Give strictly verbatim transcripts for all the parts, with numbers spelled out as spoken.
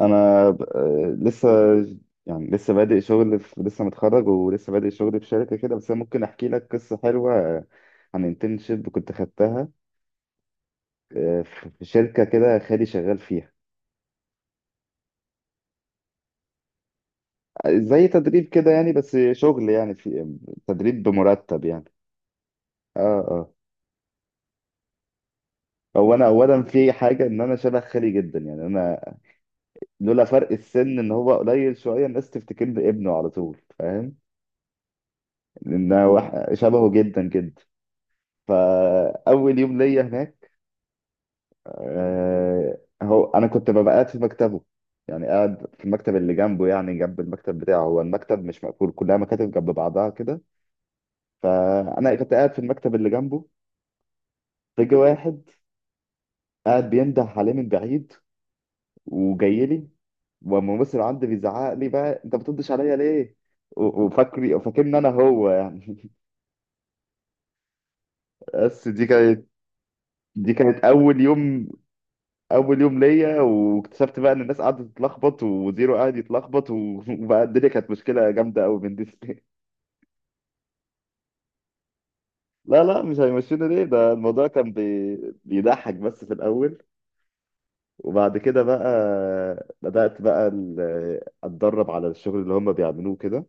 انا ب- آه، لسه. يعني لسه بادئ شغل في لسه متخرج ولسه بادئ شغل في شركه كده. بس انا ممكن احكي لك قصه حلوه، آه، عن انترنشيب كنت خدتها، آه، في في شركه كده خالي شغال فيها. آه، زي تدريب كده يعني، بس شغل يعني في تدريب بمرتب يعني. اه اه. هو انا اولا في حاجه، ان انا شبه خالي جدا يعني. انا لولا فرق السن ان هو قليل شويه، الناس تفتكرني ابنه على طول، فاهم؟ لان أنا واحد- شبهه جدا جدا. فاول يوم ليا هناك، آه، هو انا كنت ببقى قاعد في مكتبه، يعني قاعد في المكتب اللي جنبه، يعني جنب المكتب بتاعه. هو المكتب مش مقفول، كلها مكاتب جنب بعضها كده. فانا كنت قاعد في المكتب اللي جنبه. فجأة واحد قاعد بينده عليه من بعيد وجاي لي، والممثل عندي بيزعق لي بقى، انت بتردش عليا ليه؟ و- وفاكري فاكرني انا هو يعني بس دي كانت، دي كانت اول يوم. اول يوم ليا، واكتشفت بقى ان الناس قعدت تتلخبط وزيرو قعد يتلخبط، و- وبقى الدنيا كانت مشكله جامده قوي بالنسبه لي. لا لا، مش هيمشينا ليه، ده الموضوع كان بي... بيضحك بس في الاول. وبعد كده بقى بدات بقى ال- اتدرب على الشغل اللي هم بيعملوه كده.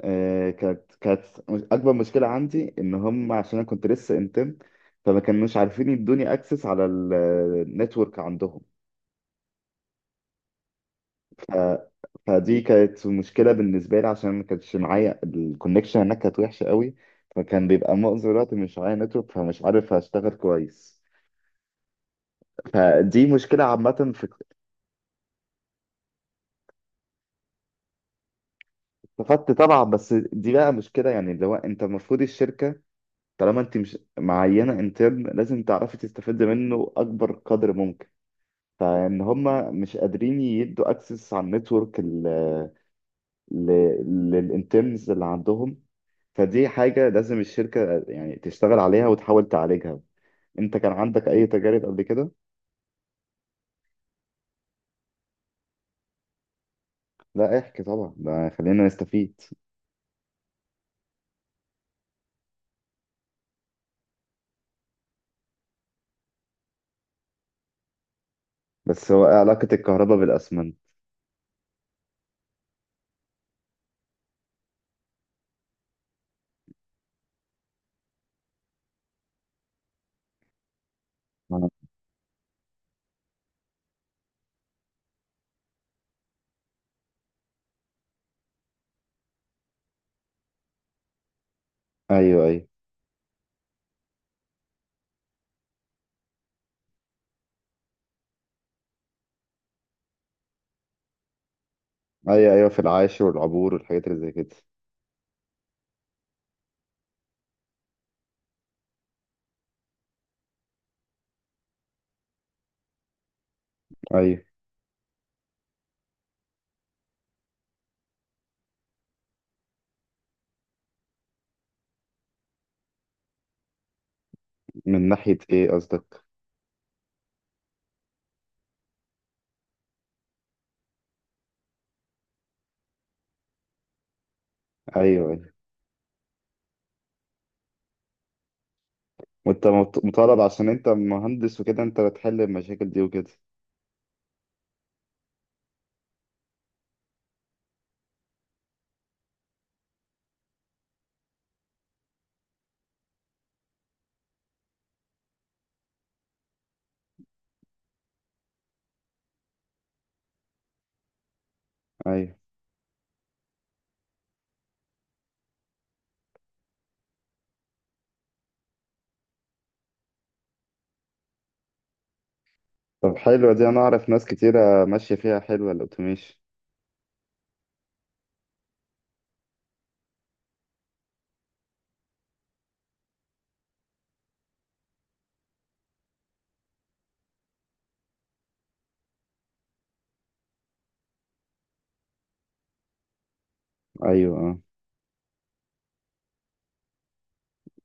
آه، كانت كانت مش- اكبر مشكله عندي ان هم، عشان انا كنت لسه انتم، فما كانوش عارفين يدوني اكسس على النتورك عندهم. ف... فدي كانت مشكله بالنسبه لي، عشان ما كانش معايا الكونكشن. هناك كانت وحشه قوي، فكان بيبقى معظم الوقت مش معايا نتورك، فمش عارف اشتغل كويس. فدي مشكله عامه في... استفدت طبعا، بس دي بقى مشكله يعني، اللي هو انت المفروض الشركه، طالما انت مش معينه انترن، لازم تعرفي تستفيد منه اكبر قدر ممكن. فان هما مش قادرين يدوا اكسس على النتورك ال- ل- للانترنز اللي عندهم، فدي حاجة لازم الشركة يعني تشتغل عليها وتحاول تعالجها. انت كان عندك اي تجارب قبل كده؟ لا احكي طبعا، ده خلينا نستفيد. بس هو ايه علاقة الكهرباء بالاسمنت؟ آه. ايوه ايوه. ايوه ايوه، في العاشر والعبور والحاجات اللي زي كده. ايوه. من ناحية ايه قصدك؟ ايوه ايوه. وانت مط- مطالب، عشان انت مهندس وكده، انت بتحل المشاكل دي وكده. ايوه. طب حلوة دي، انا اعرف ناس كتيرة ماشية فيها، حلوة الاوتوميشن. ايوه. آه.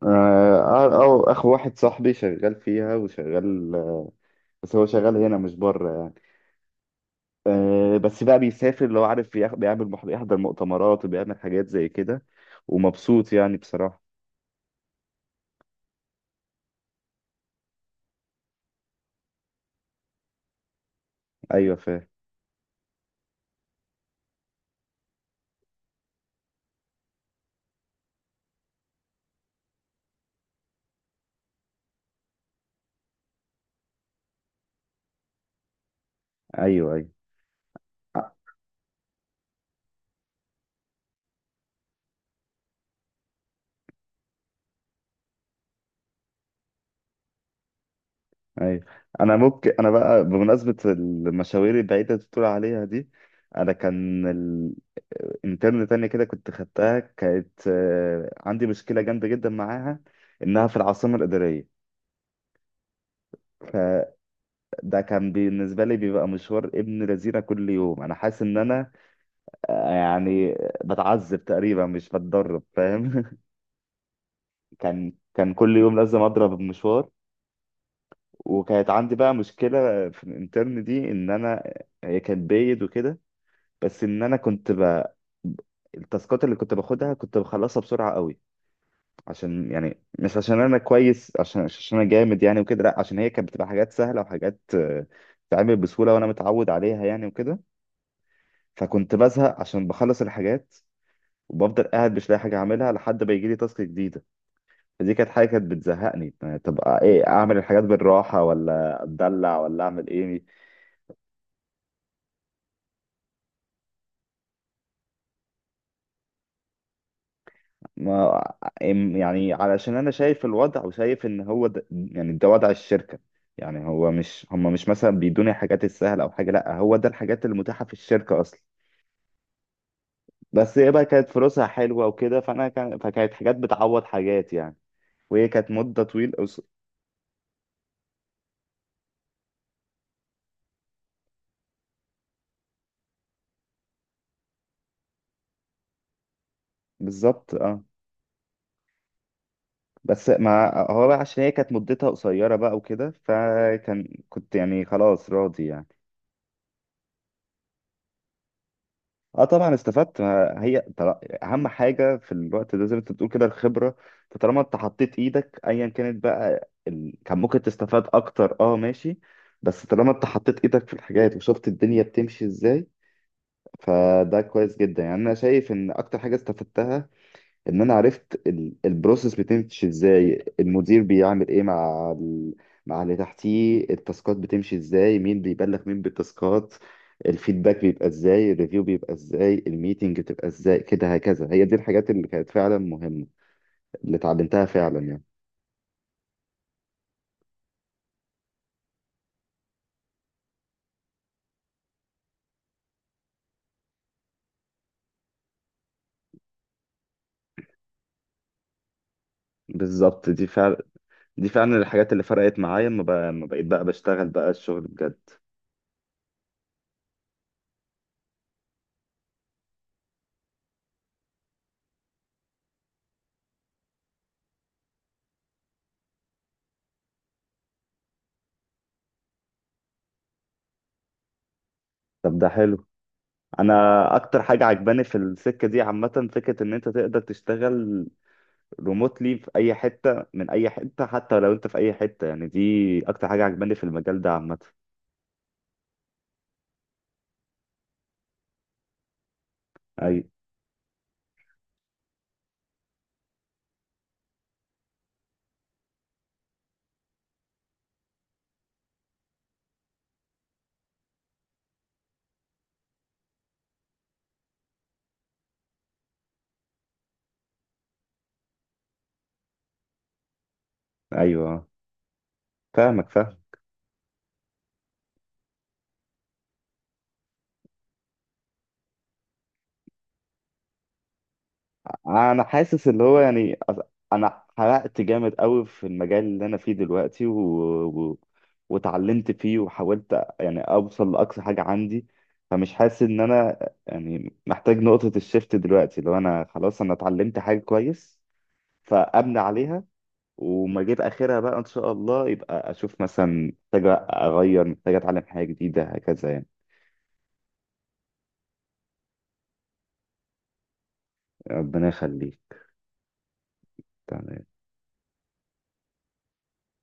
آه، أو أخ واحد صاحبي شغال فيها وشغال، بس هو شغال هنا مش بره يعني. آه، بس بقى بيسافر لو عارف ياخ- بيعمل مح- بيحضر مؤتمرات وبيعمل حاجات زي كده، ومبسوط يعني بصراحة. أيوة فاهم. أيوة أيوة. ايوه. انا ممكن، انا بقى بمناسبه المشاوير البعيده اللي بتقول عليها دي، انا كان ال- انترن تانية كده كنت خدتها، كانت آه، عندي مشكله جامده جدا معاها، انها في العاصمه الاداريه. ده كان بالنسبة لي بيبقى مشوار ابن لذينة كل يوم، أنا حاسس إن أنا، آه، يعني بتعذب تقريبا مش بتدرب، فاهم؟ كان كان كل يوم لازم أضرب المشوار. وكانت عندي بقى مشكلة في الانترن دي، إن أنا، آه، هي كانت بايد وكده، بس إن أنا كنت ب... التاسكات اللي كنت باخدها كنت بخلصها بسرعة قوي، عشان يعني، مش عشان أنا كويس، عشان عشان أنا جامد يعني وكده، لأ عشان هي كانت بتبقى حاجات سهلة وحاجات آه، تتعمل بسهولة وأنا متعود عليها يعني وكده. فكنت بزهق عشان بخلص الحاجات، وبفضل قاعد مش لاقي حاجه اعملها لحد ما يجي لي تاسك جديده. فدي كانت حاجه كانت بتزهقني يعني، تبقى ايه، اعمل الحاجات بالراحه ولا اتدلع ولا اعمل ايه؟ ما إم- يعني علشان انا شايف الوضع وشايف ان هو ده، يعني ده وضع الشركه يعني. هو مش هم مش مثلا بيدوني الحاجات السهله او حاجه، لا هو ده الحاجات المتاحه في الشركه اصلا. بس هي بقى كانت فلوسها حلوه وكده، فانا كان، فكانت حاجات بتعوض حاجات يعني. وهي كانت مده طويله. بالظبط اه. بس ما هو بقى، عشان هي كانت مدتها قصيرة بقى وكده، فكان كنت يعني خلاص راضي يعني. اه طبعا استفدت، ما هي طل- اهم حاجة في الوقت ده زي ما انت بتقول كده الخبرة. انت طالما انت حطيت ايدك، ايا كانت بقى ال... كان ممكن تستفاد اكتر، اه ماشي، بس طالما انت حطيت ايدك في الحاجات وشفت الدنيا بتمشي ازاي، فده كويس جدا يعني. انا شايف ان اكتر حاجة استفدتها ان انا عرفت ال- البروسيس بتمشي ازاي، المدير بيعمل ايه مع ال... مع اللي تحتيه، التاسكات بتمشي ازاي، مين بيبلغ مين بالتاسكات، الفيدباك بيبقى ازاي، الريفيو بيبقى ازاي، الميتنج بتبقى ازاي كده هكذا. هي دي الحاجات اللي كانت فعلا مهمة، اللي اتعلمتها فعلا يعني. بالظبط، دي فعلا، دي فعلا الحاجات اللي فرقت معايا لما بقى... ما بقيت بقى بشتغل بقى الشغل بجد. طب ده حلو. انا اكتر حاجه عجباني في السكه دي عامه، فكره ان انت تقدر تشتغل ريموتلي في اي حته، من اي حته، حتى لو انت في اي حته يعني. دي اكتر حاجه عجباني في المجال ده عامه. اي. ايوه. فاهمك فاهم. انا حاسس اللي هو يعني أص- انا حرقت جامد قوي في المجال اللي انا فيه دلوقتي، و... و... وتعلمت فيه وحاولت يعني اوصل لاقصى حاجه عندي. فمش حاسس ان انا يعني محتاج نقطه الشيفت دلوقتي. لو انا خلاص انا اتعلمت حاجه كويس، فابني عليها وما اجيب اخرها بقى. ان شاء الله يبقى اشوف مثلا محتاجه اغير، محتاجه اتعلم حاجه جديده هكذا يعني. ربنا يخليك. تمام